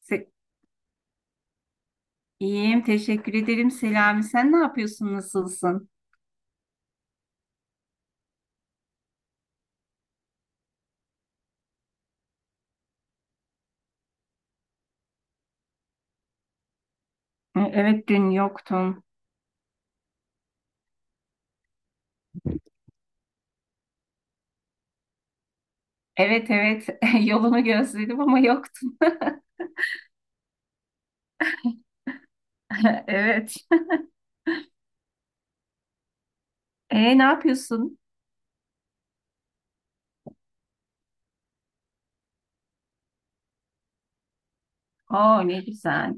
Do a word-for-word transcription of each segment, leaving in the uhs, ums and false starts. Se- İyiyim, teşekkür ederim Selami. Sen ne yapıyorsun, nasılsın? Hı, Evet, dün yoktun. Evet, evet, yolunu gözledim ama yoktun. Evet. E, ne yapıyorsun? Oo, ne güzel.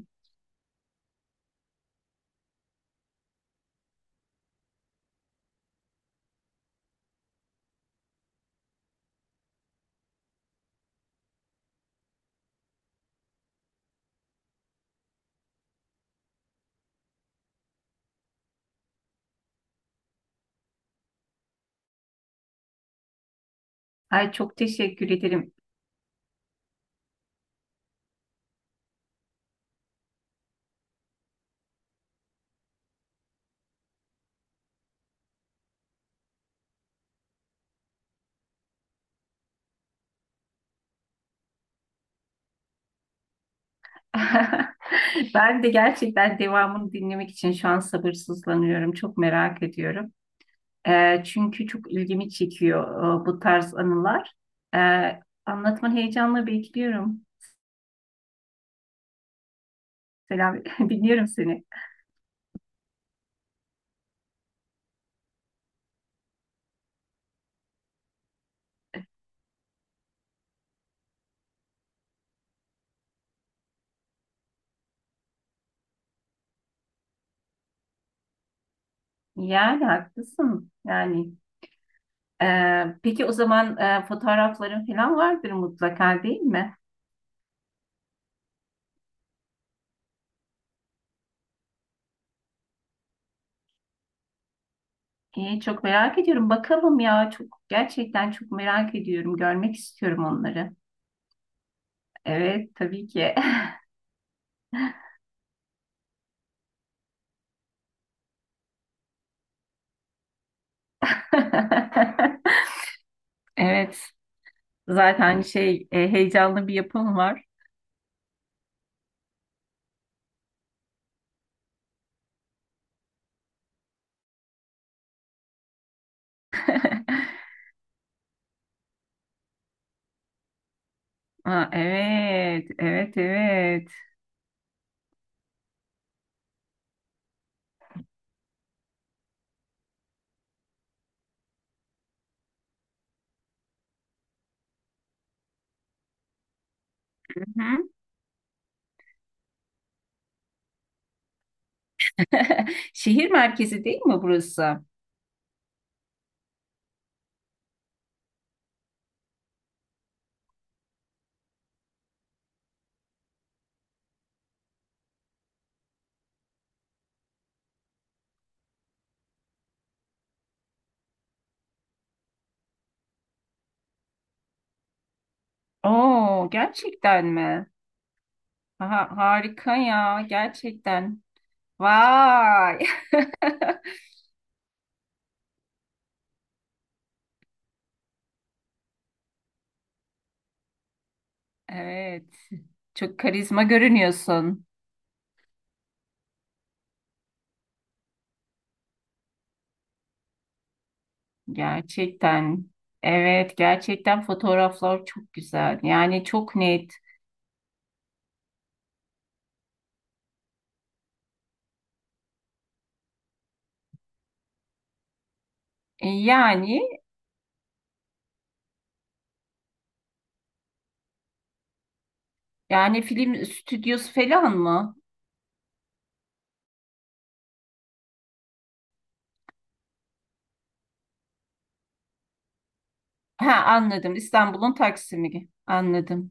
Ay çok teşekkür ederim. Ben de gerçekten devamını dinlemek için şu an sabırsızlanıyorum. Çok merak ediyorum. E, çünkü çok ilgimi çekiyor e, bu tarz anılar. E, Anlatmanı heyecanla bekliyorum. Selam, dinliyorum seni. Yani haklısın. Yani e, peki o zaman e, fotoğrafların falan vardır mutlaka değil mi? İyi, çok merak ediyorum. Bakalım ya çok gerçekten çok merak ediyorum. Görmek istiyorum onları. Evet tabii ki. Evet zaten şey e, heyecanlı bir yapım var. Aa, evet, evet, evet. Hı hı. Şehir merkezi değil mi burası? Oo, gerçekten mi? Aha, harika ya, gerçekten. Vay. Evet. Çok karizma görünüyorsun. Gerçekten. Evet, gerçekten fotoğraflar çok güzel. Yani çok net. E, Yani yani film stüdyosu falan mı? Ha anladım. İstanbul'un Taksim'i. Anladım.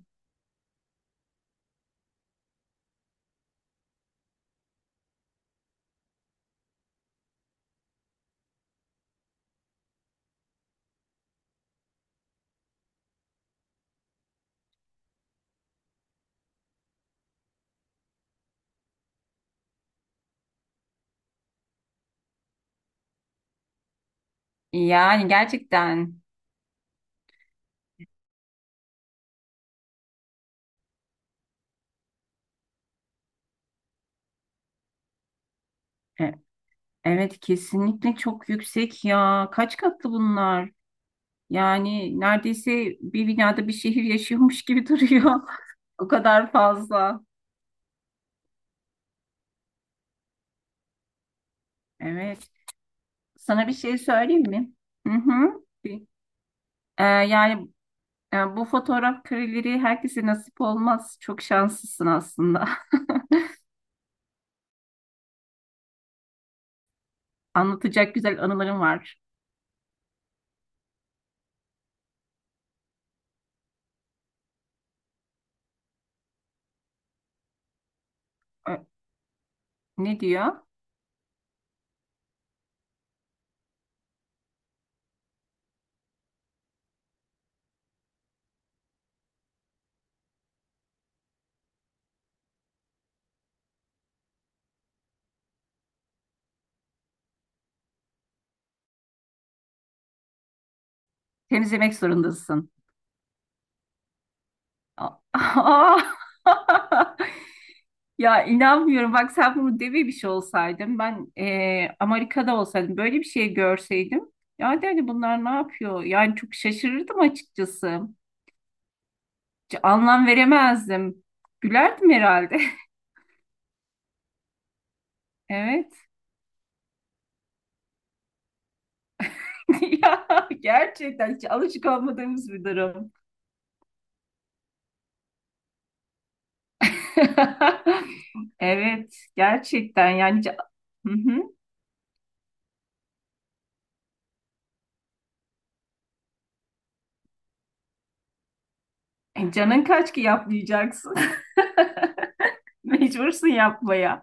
Yani gerçekten. E- Evet kesinlikle çok yüksek ya. Kaç katlı bunlar? Yani neredeyse bir binada bir şehir yaşıyormuş gibi duruyor. O kadar fazla. Evet. Sana bir şey söyleyeyim mi? Hı hı. Bir- E, yani e, Bu fotoğraf kareleri herkese nasip olmaz. Çok şanslısın aslında. Anlatacak güzel anılarım var. E, Ne diyor? Temizlemek zorundasın. A- Aa! Ya inanmıyorum. Bak sen bunu devi bir şey olsaydın ben eee, Amerika'da olsaydım böyle bir şey görseydim ya de hani bunlar ne yapıyor? Yani çok şaşırırdım açıkçası. Hiç anlam veremezdim. Gülerdim herhalde. Evet. Ya gerçekten hiç alışık olmadığımız bir durum. Evet, gerçekten yani ca- hı hı. E, canın kaç ki yapmayacaksın. Mecbursun yapmaya.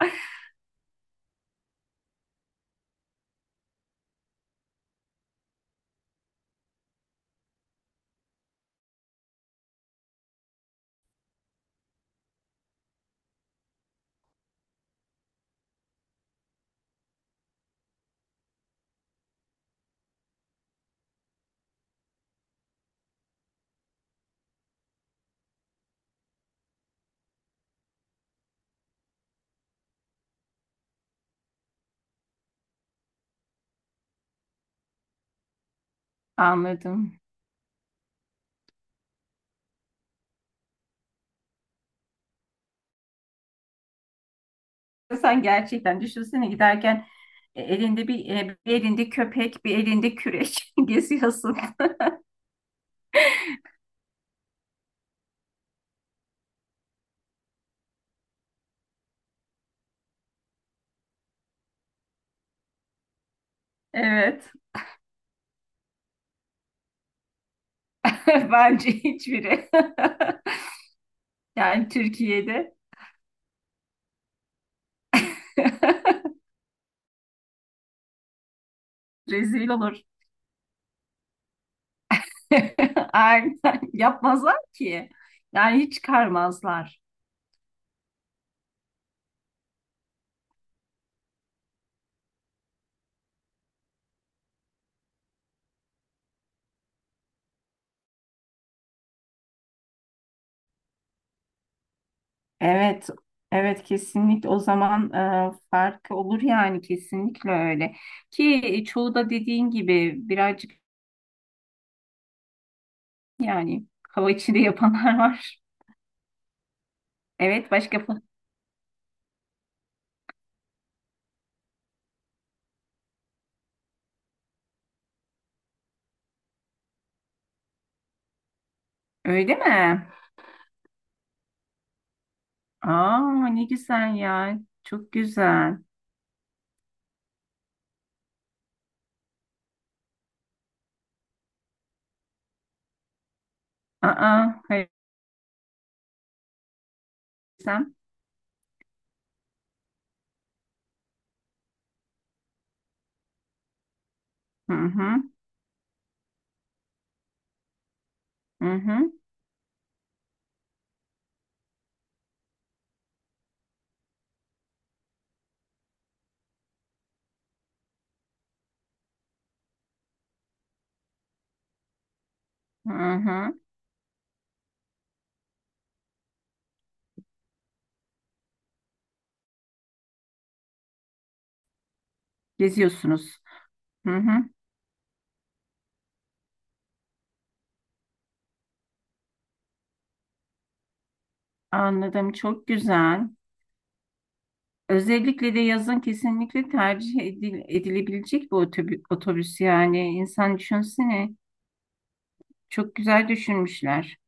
Anladım. Sen gerçekten düşünsene giderken e, elinde bir, e, bir elinde köpek, bir elinde küreç geziyorsun. Evet. Bence hiçbiri. Yani Türkiye'de rezil olur. Aynen. Yapmazlar ki. Yani hiç çıkarmazlar. Evet. Evet kesinlikle o zaman e, farkı olur yani kesinlikle öyle. Ki çoğu da dediğin gibi birazcık yani hava içinde yapanlar var. Evet başka. Öyle mi? Aa ne güzel ya. Çok güzel. Aa hayır sen. Hı hı. Hı hı. Hı hı. Geziyorsunuz. Hı hı. Anladım. Çok güzel. Özellikle de yazın kesinlikle tercih edil- edilebilecek bir otobü- otobüs yani. İnsan düşünsene. Çok güzel düşünmüşler.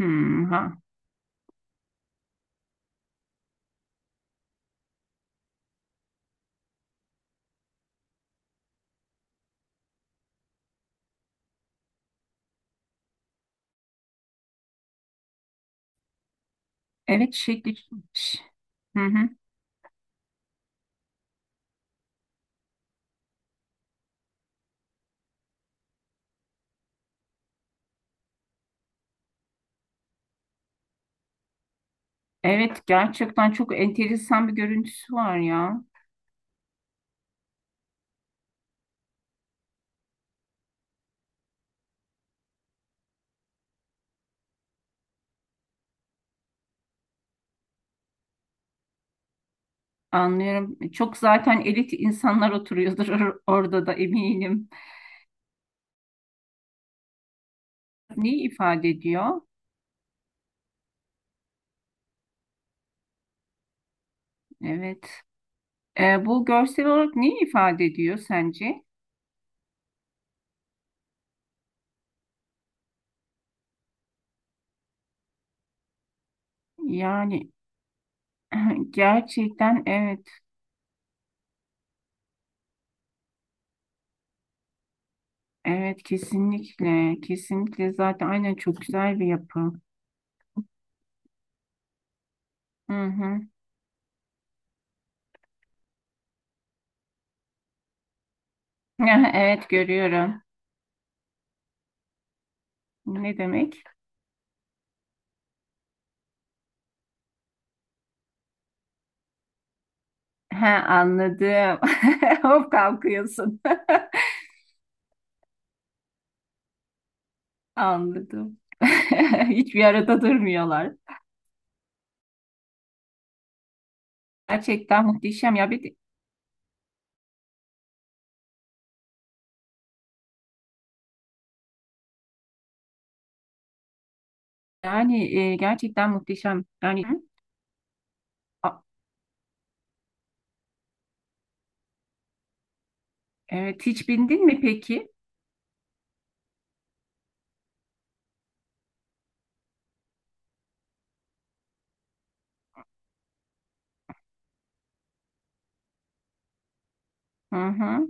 Hı ha. Evet şekli. Ş- Hı hı. Evet gerçekten çok enteresan bir görüntüsü var ya. Anlıyorum. Çok zaten elit insanlar oturuyordur or- orada da eminim. Neyi ifade ediyor? Evet. Ee, bu görsel olarak neyi ifade ediyor sence? Yani gerçekten evet. Evet kesinlikle. Kesinlikle zaten aynen çok güzel bir yapı. Hı hı. Evet görüyorum. Ne demek? Ha anladım. Hop kalkıyorsun. Anladım. Hiçbir arada durmuyorlar. Gerçekten muhteşem ya. Bir de yani e, gerçekten muhteşem. Yani Hı? A- evet hiç bindin mi peki? Hı hı,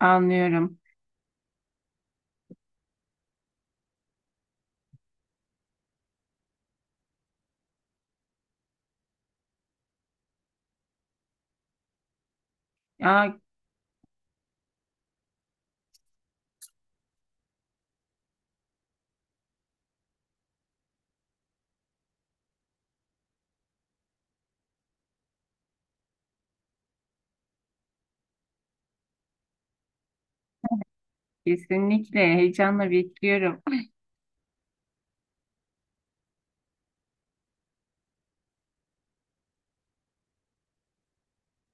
anlıyorum. Ya kesinlikle heyecanla bekliyorum.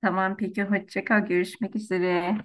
Tamam peki hoşça kal görüşmek üzere.